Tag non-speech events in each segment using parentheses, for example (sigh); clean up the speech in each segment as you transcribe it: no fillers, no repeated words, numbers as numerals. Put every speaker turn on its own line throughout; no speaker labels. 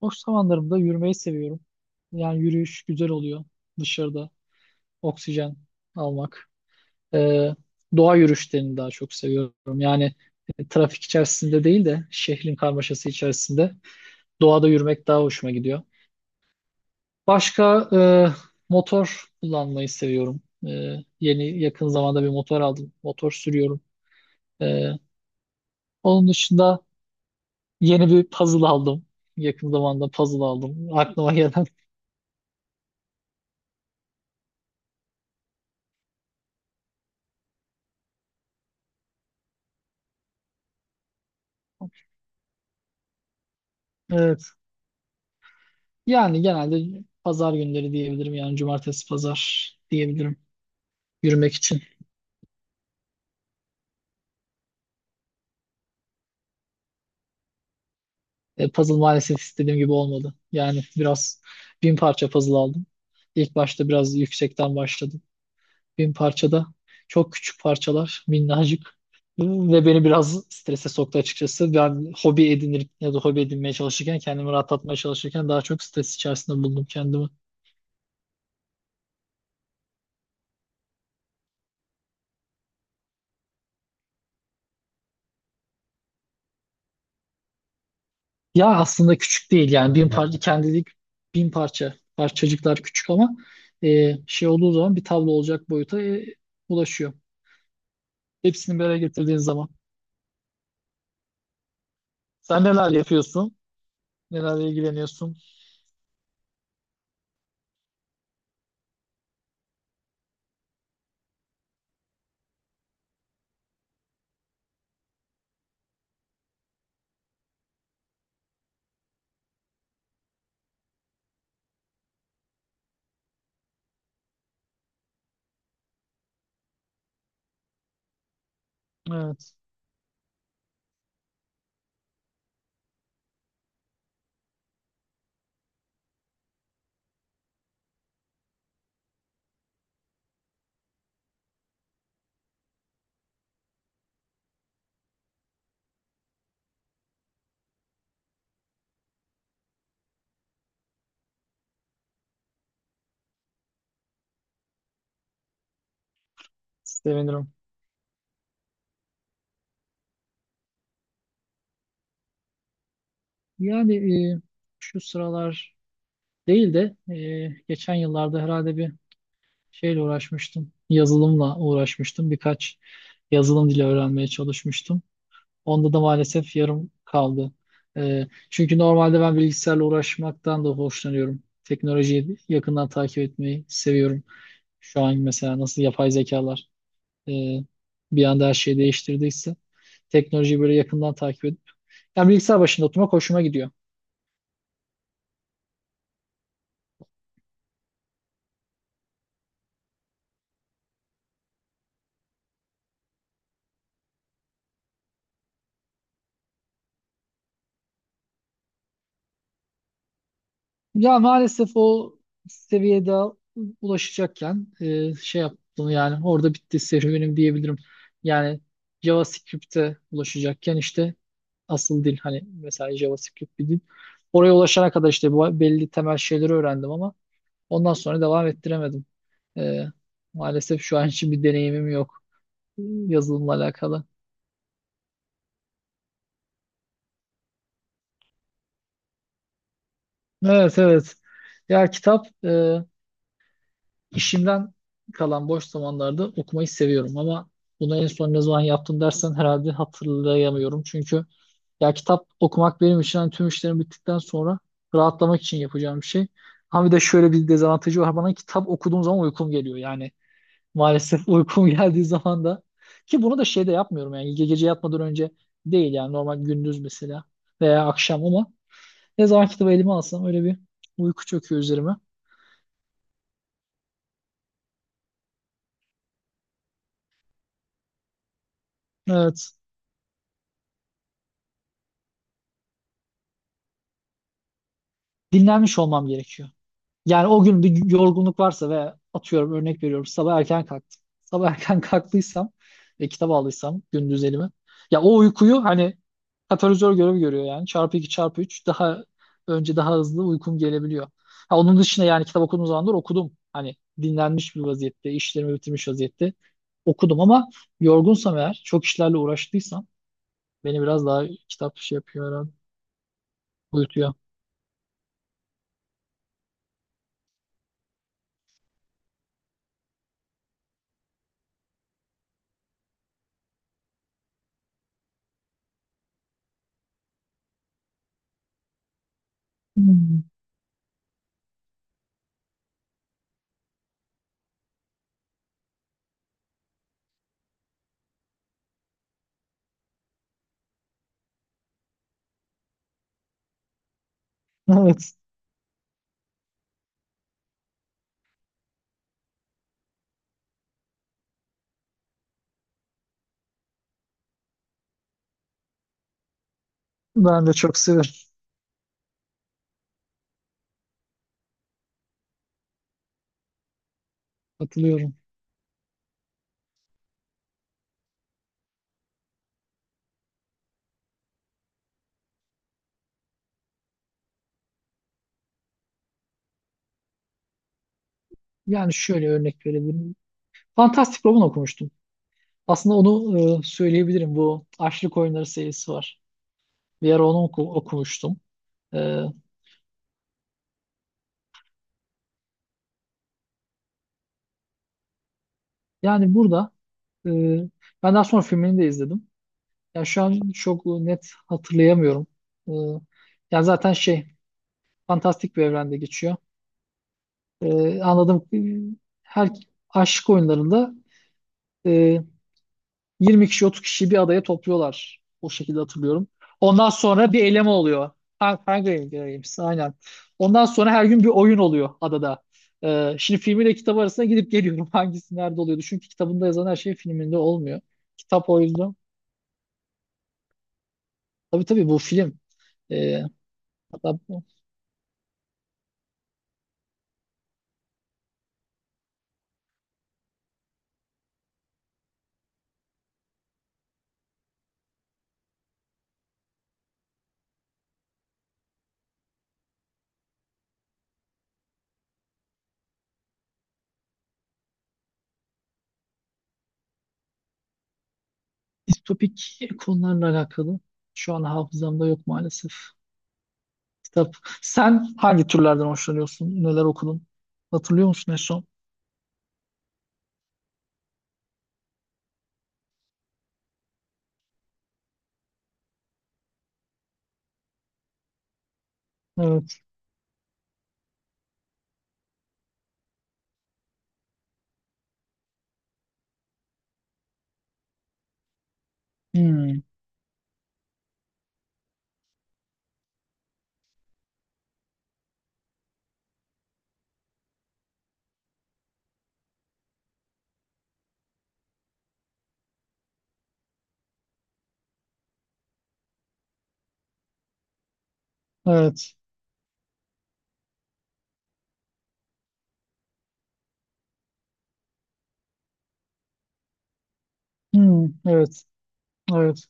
Boş zamanlarımda yürümeyi seviyorum. Yani yürüyüş güzel oluyor dışarıda. Oksijen almak. Ee, doğa yürüyüşlerini daha çok seviyorum. Yani trafik içerisinde değil de şehrin karmaşası içerisinde doğada yürümek daha hoşuma gidiyor. Başka motor kullanmayı seviyorum. E, yeni yakın zamanda bir motor aldım. Motor sürüyorum. E, onun dışında yeni bir puzzle aldım. Yakın zamanda puzzle aldım. Aklıma gelen. (laughs) Evet. Yani genelde pazar günleri diyebilirim. Yani cumartesi pazar diyebilirim yürümek için. Puzzle maalesef istediğim gibi olmadı. Yani biraz 1000 parça puzzle aldım. İlk başta biraz yüksekten başladım. 1000 parçada çok küçük parçalar, minnacık. Ve beni biraz strese soktu açıkçası. Ben hobi edinir ya da hobi edinmeye çalışırken, kendimi rahatlatmaya çalışırken daha çok stres içerisinde buldum kendimi. Ya aslında küçük değil yani 1000 parça kendilik 1000 parça parçacıklar küçük ama şey olduğu zaman bir tablo olacak boyuta ulaşıyor. Hepsini bir araya getirdiğin zaman. Sen neler yapıyorsun? Nelerle ilgileniyorsun? Evet, sevinirim. Yani e, şu sıralar değil de geçen yıllarda herhalde bir şeyle uğraşmıştım. Yazılımla uğraşmıştım. Birkaç yazılım dili öğrenmeye çalışmıştım. Onda da maalesef yarım kaldı. Çünkü normalde ben bilgisayarla uğraşmaktan da hoşlanıyorum. Teknolojiyi yakından takip etmeyi seviyorum. Şu an mesela nasıl yapay zekalar e, bir anda her şeyi değiştirdiyse teknolojiyi böyle yakından takip edip yani bilgisayar başında oturmak hoşuma gidiyor. Ya maalesef o seviyede ulaşacakken şey yaptım yani orada bitti serüvenim diyebilirim. Yani JavaScript'e ulaşacakken işte asıl dil hani mesela JavaScript bir dil. Oraya ulaşana kadar işte bu belli temel şeyleri öğrendim ama ondan sonra devam ettiremedim. E, maalesef şu an için bir deneyimim yok e, yazılımla alakalı. Evet evet. Ya kitap İşimden kalan boş zamanlarda okumayı seviyorum ama bunu en son ne zaman yaptım dersen herhalde hatırlayamıyorum. Çünkü ya kitap okumak benim için hani tüm işlerim bittikten sonra rahatlamak için yapacağım bir şey. Ama bir de şöyle bir dezavantajı var. Bana kitap okuduğum zaman uykum geliyor. Yani maalesef (laughs) uykum geldiği zaman da ki bunu da şeyde yapmıyorum yani gece yatmadan önce değil yani normal gündüz mesela veya akşam ama ne zaman kitabı elime alsam öyle bir uyku çöküyor üzerime. Evet. Dinlenmiş olmam gerekiyor. Yani o gün bir yorgunluk varsa ve atıyorum örnek veriyorum sabah erken kalktım. Sabah erken (laughs) kalktıysam ve kitap aldıysam gündüz elime. Ya o uykuyu hani katalizör görevi görüyor yani. Çarpı 2 çarpı 3 daha önce daha hızlı uykum gelebiliyor. Ha, onun dışında yani kitap okuduğum zamanlar okudum. Hani dinlenmiş bir vaziyette, işlerimi bitirmiş vaziyette okudum ama yorgunsam eğer, çok işlerle uğraştıysam beni biraz daha kitap şey yapıyor herhalde, uyutuyor. Hmm. (laughs) Evet, ben de çok severim. Katılıyorum. Yani şöyle örnek verebilirim. Fantastic Robin okumuştum. Aslında onu söyleyebilirim. Bu Açlık Oyunları serisi var. Bir ara onu okumuştum. E, yani burada e, ben daha sonra filmini de izledim. Yani şu an çok net hatırlayamıyorum. E, yani zaten şey fantastik bir evrende geçiyor. E, anladım. E, her aşk oyunlarında e, 20 kişi 30 kişi bir adaya topluyorlar. O şekilde hatırlıyorum. Ondan sonra bir eleme oluyor. Hunger Games aynen. Ondan sonra her gün bir oyun oluyor adada. Şimdi filmiyle kitabı arasında gidip geliyorum (laughs) hangisi nerede oluyordu. Çünkü kitabında yazan her şey filminde olmuyor. Kitap o yüzden. Tabii tabii bu film. Ee, hatta bu distopik konularla alakalı. Şu an hafızamda yok maalesef. Kitap. Sen hangi türlerden hoşlanıyorsun? Neler okudun? Hatırlıyor musun en son? Evet. Hmm. Evet. Hmm, evet, evet.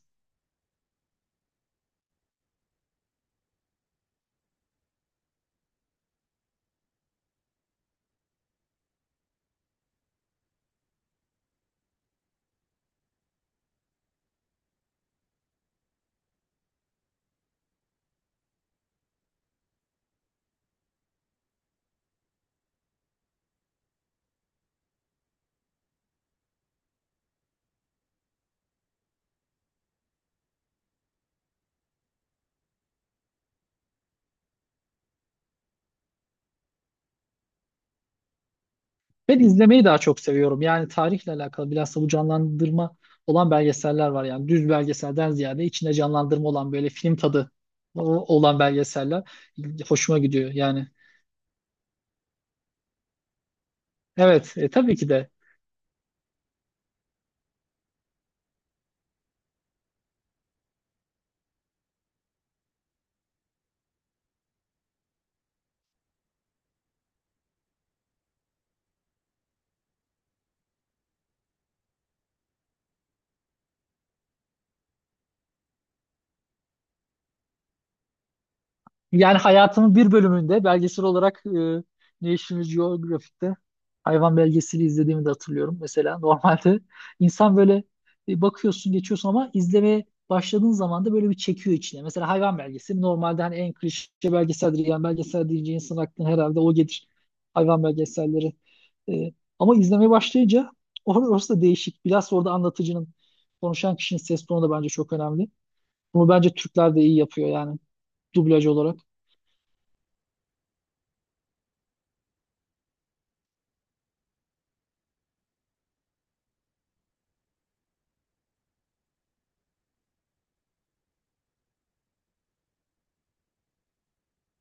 Ben izlemeyi daha çok seviyorum. Yani tarihle alakalı bilhassa bu canlandırma olan belgeseller var. Yani düz belgeselden ziyade içinde canlandırma olan böyle film tadı olan belgeseller hoşuma gidiyor. Yani evet, tabii ki de. Yani hayatımın bir bölümünde belgesel olarak National Geographic'te hayvan belgeseli izlediğimi de hatırlıyorum. Mesela (laughs) normalde insan böyle bakıyorsun geçiyorsun ama izlemeye başladığın zaman da böyle bir çekiyor içine. Mesela hayvan belgeseli normalde hani en klişe belgeseldir. Yani belgesel deyince insan aklına herhalde o gelir. Hayvan belgeselleri. E, ama izlemeye başlayınca orası da değişik. Biraz orada anlatıcının, konuşan kişinin ses tonu da bence çok önemli. Bunu bence Türkler de iyi yapıyor yani dublaj olarak.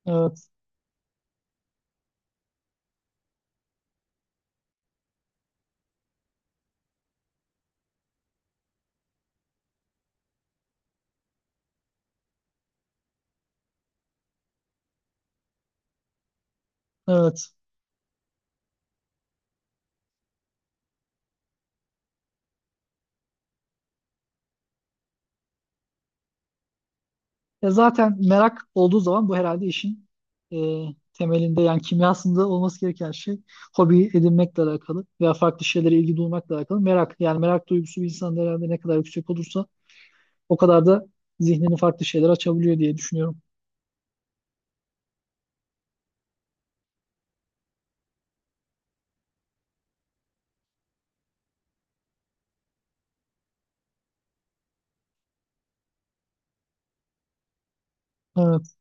Evet. Evet. E zaten merak olduğu zaman bu herhalde işin e, temelinde yani kimyasında olması gereken şey hobi edinmekle alakalı veya farklı şeylere ilgi duymakla alakalı merak. Yani merak duygusu bir insanda herhalde ne kadar yüksek olursa o kadar da zihnini farklı şeyler açabiliyor diye düşünüyorum. Evet.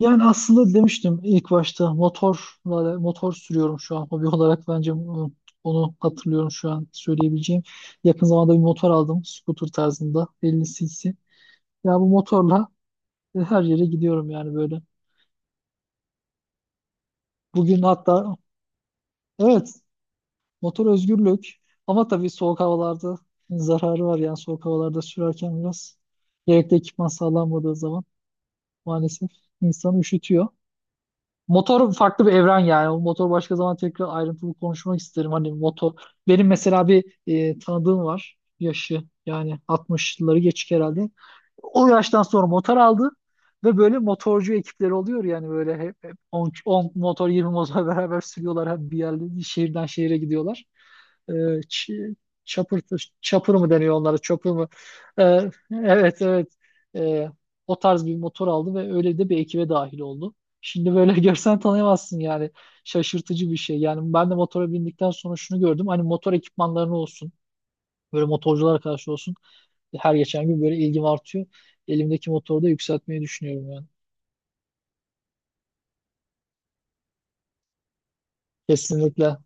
Yani aslında demiştim ilk başta motorla motor sürüyorum şu an hobi (laughs) olarak bence onu hatırlıyorum şu an söyleyebileceğim. Yakın zamanda bir motor aldım scooter tarzında 50 cc. Ya bu motorla ve her yere gidiyorum yani böyle. Bugün hatta evet motor özgürlük ama tabii soğuk havalarda zararı var yani soğuk havalarda sürerken biraz gerekli ekipman sağlanmadığı zaman maalesef insanı üşütüyor. Motor farklı bir evren yani. O motor başka zaman tekrar ayrıntılı konuşmak isterim. Hani motor benim mesela bir tanıdığım var yaşı yani 60'ları geçik herhalde. O yaştan sonra motor aldı ve böyle motorcu ekipleri oluyor yani böyle hep 10 motor 20 motor (laughs) beraber sürüyorlar hep bir yerde bir şehirden şehire gidiyorlar. Ee, ç- chopper, chopper mı deniyor onlara chopper mı? Evet evet Ee, o tarz bir motor aldı ve öyle de bir ekibe dahil oldu. Şimdi böyle (laughs) görsen tanıyamazsın yani şaşırtıcı bir şey. Yani ben de motora bindikten sonra şunu gördüm hani motor ekipmanlarını olsun böyle motorculara karşı olsun her geçen gün böyle ilgim artıyor. Elimdeki motoru da yükseltmeyi düşünüyorum yani. Kesinlikle.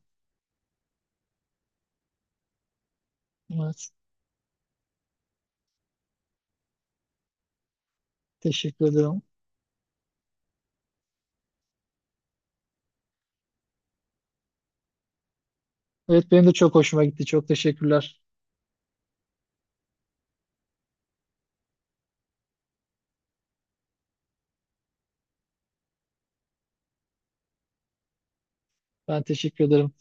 Evet. Teşekkür ederim. Evet benim de çok hoşuma gitti. Çok teşekkürler. Ben teşekkür ederim.